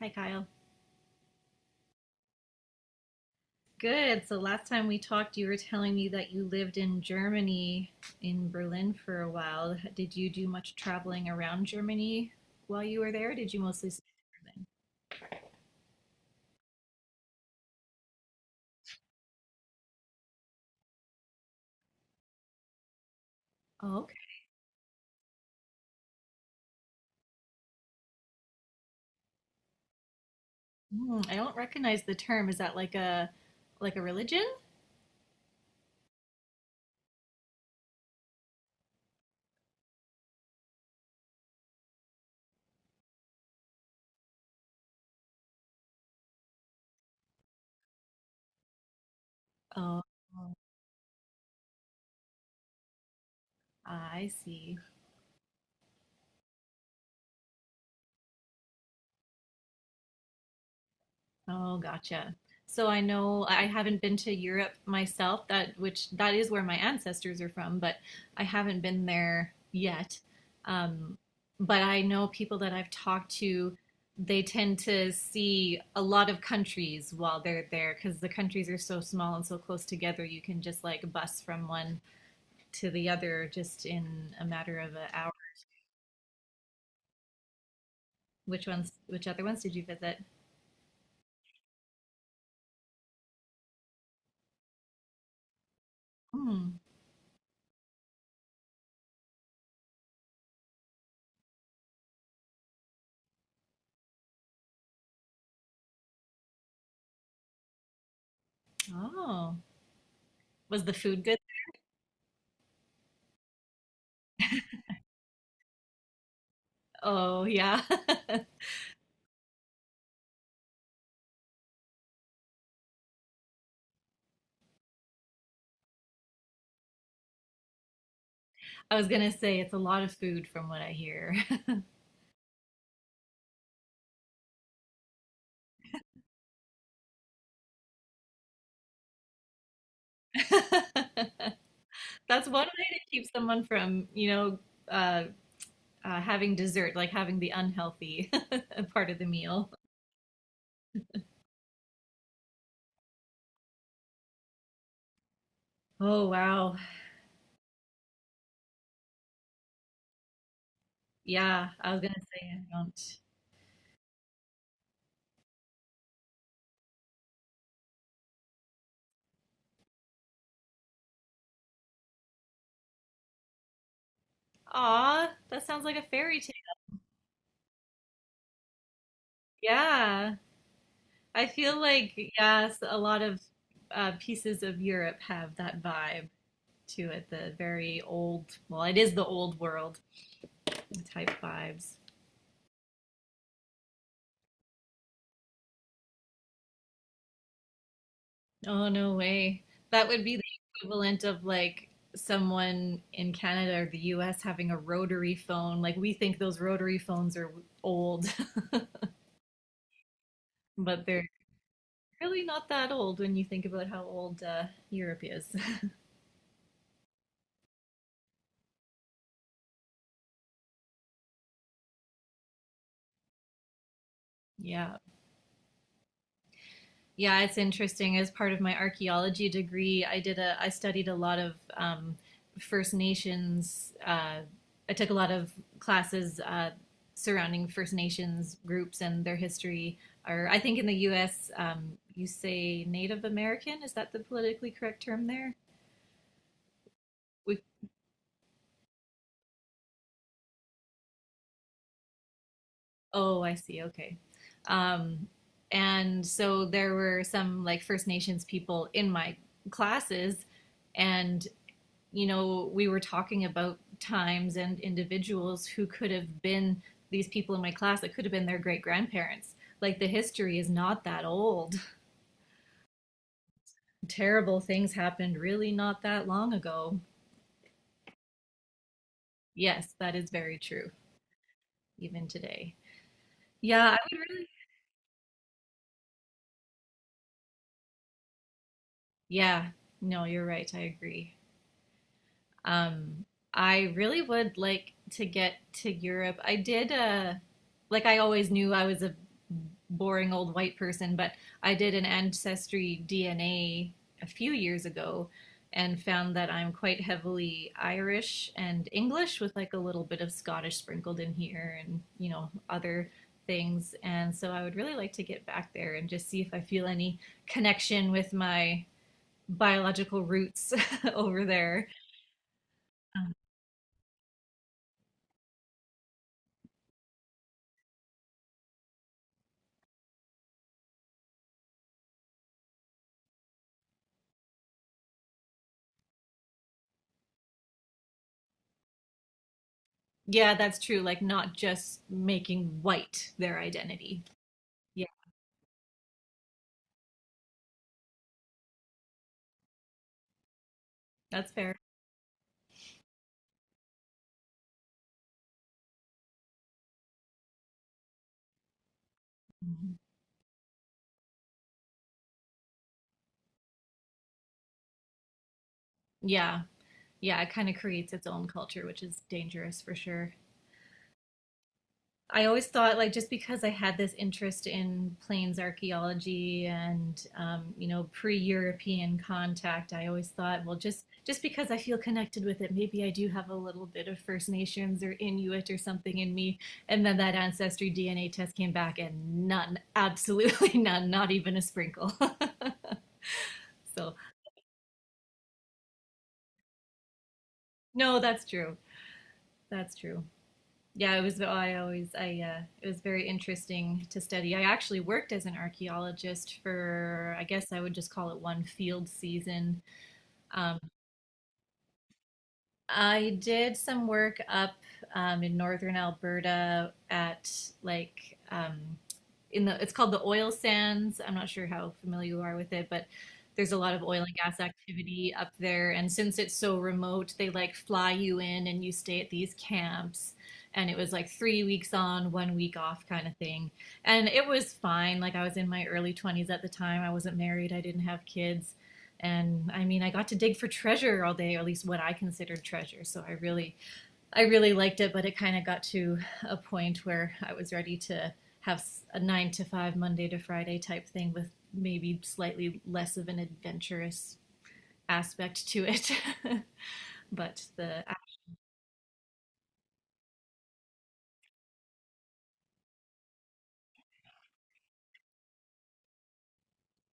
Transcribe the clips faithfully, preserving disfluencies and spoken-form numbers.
Hi, Kyle. Good. So last time we talked, you were telling me that you lived in Germany, in Berlin for a while. Did you do much traveling around Germany while you were there? Or did you mostly stay in Berlin? Oh, okay. Hmm, I don't recognize the term. Is that like a like a religion? Oh, I see. Oh, gotcha. So I know I haven't been to Europe myself, that which that is where my ancestors are from, but I haven't been there yet. Um, but I know people that I've talked to, they tend to see a lot of countries while they're there because the countries are so small and so close together. You can just like bus from one to the other just in a matter of an hour. Which ones, which other ones did you visit? Hmm. Oh, was the food good? Oh, yeah. I was gonna say it's a lot of food from what I hear. That's one way to keep someone from, you know, uh, uh, having dessert, like having the unhealthy part of the meal. Oh wow. Yeah, I was gonna say I don't. Aw, that sounds like a fairy tale. Yeah, I feel like yes, a lot of uh, pieces of Europe have that vibe to it, the very old, well, it is the old world type vibes. Oh, no way. That would be the equivalent of like someone in Canada or the U S having a rotary phone. Like we think those rotary phones are old, but they're really not that old when you think about how old uh, Europe is. Yeah. Yeah, it's interesting. As part of my archaeology degree, I did a I studied a lot of um, First Nations. Uh, I took a lot of classes uh, surrounding First Nations groups and their history. Or I think in the U S. Um, you say Native American. Is that the politically correct term there? We, oh, I see. Okay. Um, and so there were some like First Nations people in my classes, and you know, we were talking about times and individuals who could have been these people in my class that could have been their great grandparents. Like the history is not that old. Terrible things happened really not that long ago. Yes, that is very true, even today. Yeah, I would really, yeah, no, you're right. I agree. Um, I really would like to get to Europe. I did, uh, like I always knew I was a boring old white person, but I did an ancestry DNA a a few years ago and found that I'm quite heavily Irish and English with like a little bit of Scottish sprinkled in here and, you know, other things. And so I would really like to get back there and just see if I feel any connection with my biological roots over there. Yeah, that's true. Like not just making white their identity. Yeah, that's fair. Mhm. Yeah. Yeah, it kind of creates its own culture, which is dangerous for sure. I always thought like just because I had this interest in plains archaeology and um, you know pre-European contact, I always thought, well, just just because I feel connected with it, maybe I do have a little bit of First Nations or Inuit or something in me. And then that ancestry D N A test came back, and none, absolutely none, not even a sprinkle. So no, that's true. That's true. Yeah, it was. Oh, I always. I. Uh, it was very interesting to study. I actually worked as an archaeologist for. I guess I would just call it one field season. um, I did some work up um, in northern Alberta at like um, in the it's called the oil sands. I'm not sure how familiar you are with it, but there's a lot of oil and gas activity up there. And since it's so remote, they like fly you in and you stay at these camps. And it was like three weeks on, one week off kind of thing. And it was fine. Like I was in my early twenties at the time. I wasn't married. I didn't have kids. And I mean, I got to dig for treasure all day, or at least what I considered treasure. So I really, I really liked it, but it kind of got to a point where I was ready to have a a nine to five, Monday to Friday type thing with maybe slightly less of an adventurous aspect to it. But the,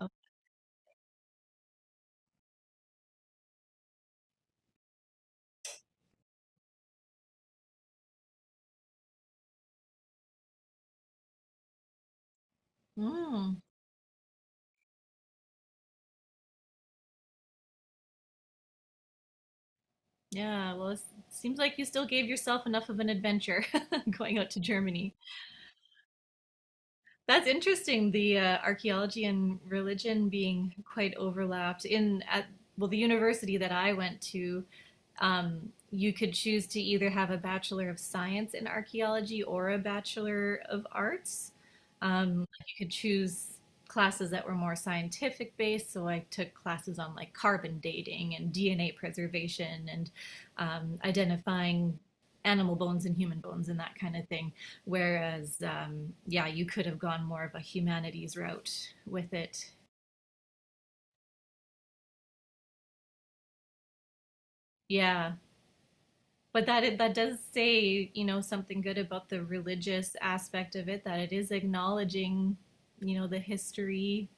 oh, mm, yeah, well, it seems like you still gave yourself enough of an adventure going out to Germany. That's interesting. The uh, archaeology and religion being quite overlapped in at well, the university that I went to, um, you could choose to either have a bachelor of science in archaeology or a bachelor of arts. Um, you could choose classes that were more scientific based. So I took classes on like carbon dating and D N A preservation and um, identifying animal bones and human bones and that kind of thing. Whereas, um, yeah, you could have gone more of a humanities route with it. Yeah, but that that does say you know something good about the religious aspect of it. That it is acknowledging you know the history,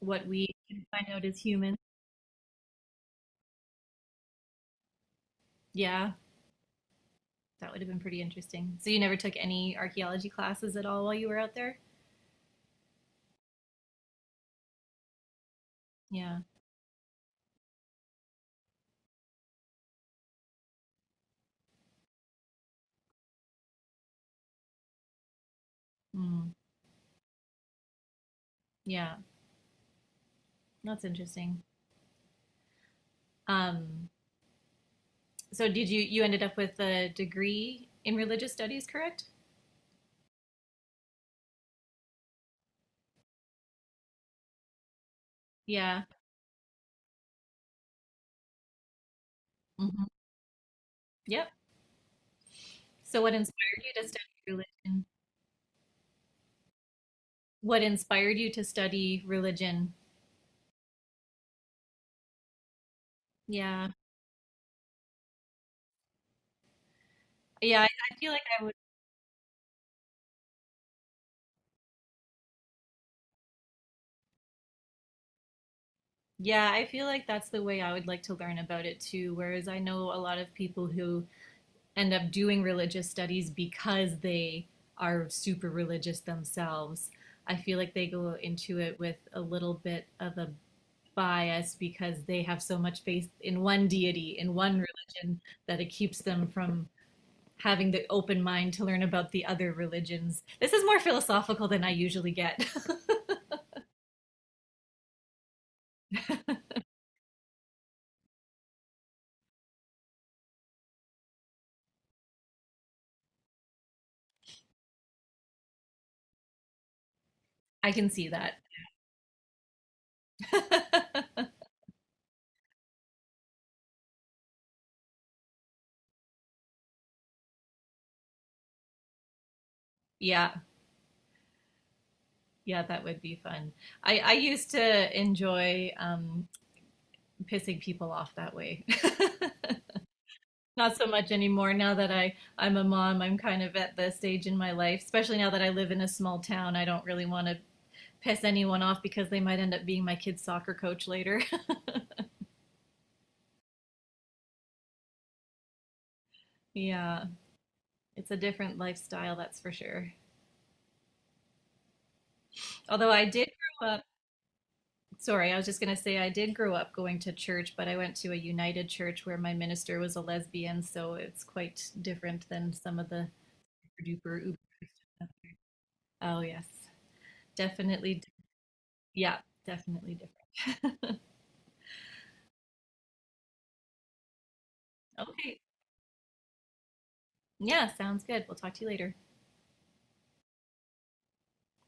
what we can find out as humans. Yeah, that would have been pretty interesting. So you never took any archaeology classes at all while you were out there? Yeah. Mm, yeah. That's interesting. Um, so did you you ended up with a degree in religious studies, correct? Yeah. Hmm. Yep. So what inspired you to study religion? What inspired you to study religion? Yeah. Yeah, I, I feel like I would Yeah, I feel like that's the way I would like to learn about it too. Whereas I know a lot of people who end up doing religious studies because they are super religious themselves. I feel like they go into it with a little bit of a bias because they have so much faith in one deity, in one religion, that it keeps them from having the open mind to learn about the other religions. This is more philosophical than I usually get. I can see that. Yeah, yeah, that would be fun. I, I used to enjoy um, pissing people off that way. Not so much anymore now that I, I'm a mom. I'm kind of at the stage in my life, especially now that I live in a small town. I don't really want to piss anyone off because they might end up being my kid's soccer coach later. Yeah, it's a different lifestyle, that's for sure. Although I did grow up Sorry, I was just going to say I did grow up going to church, but I went to a United Church where my minister was a lesbian, so it's quite different than some of the duper uber. Oh, yes, definitely. Yeah, definitely different. Okay. Yeah, sounds good. We'll talk to you later.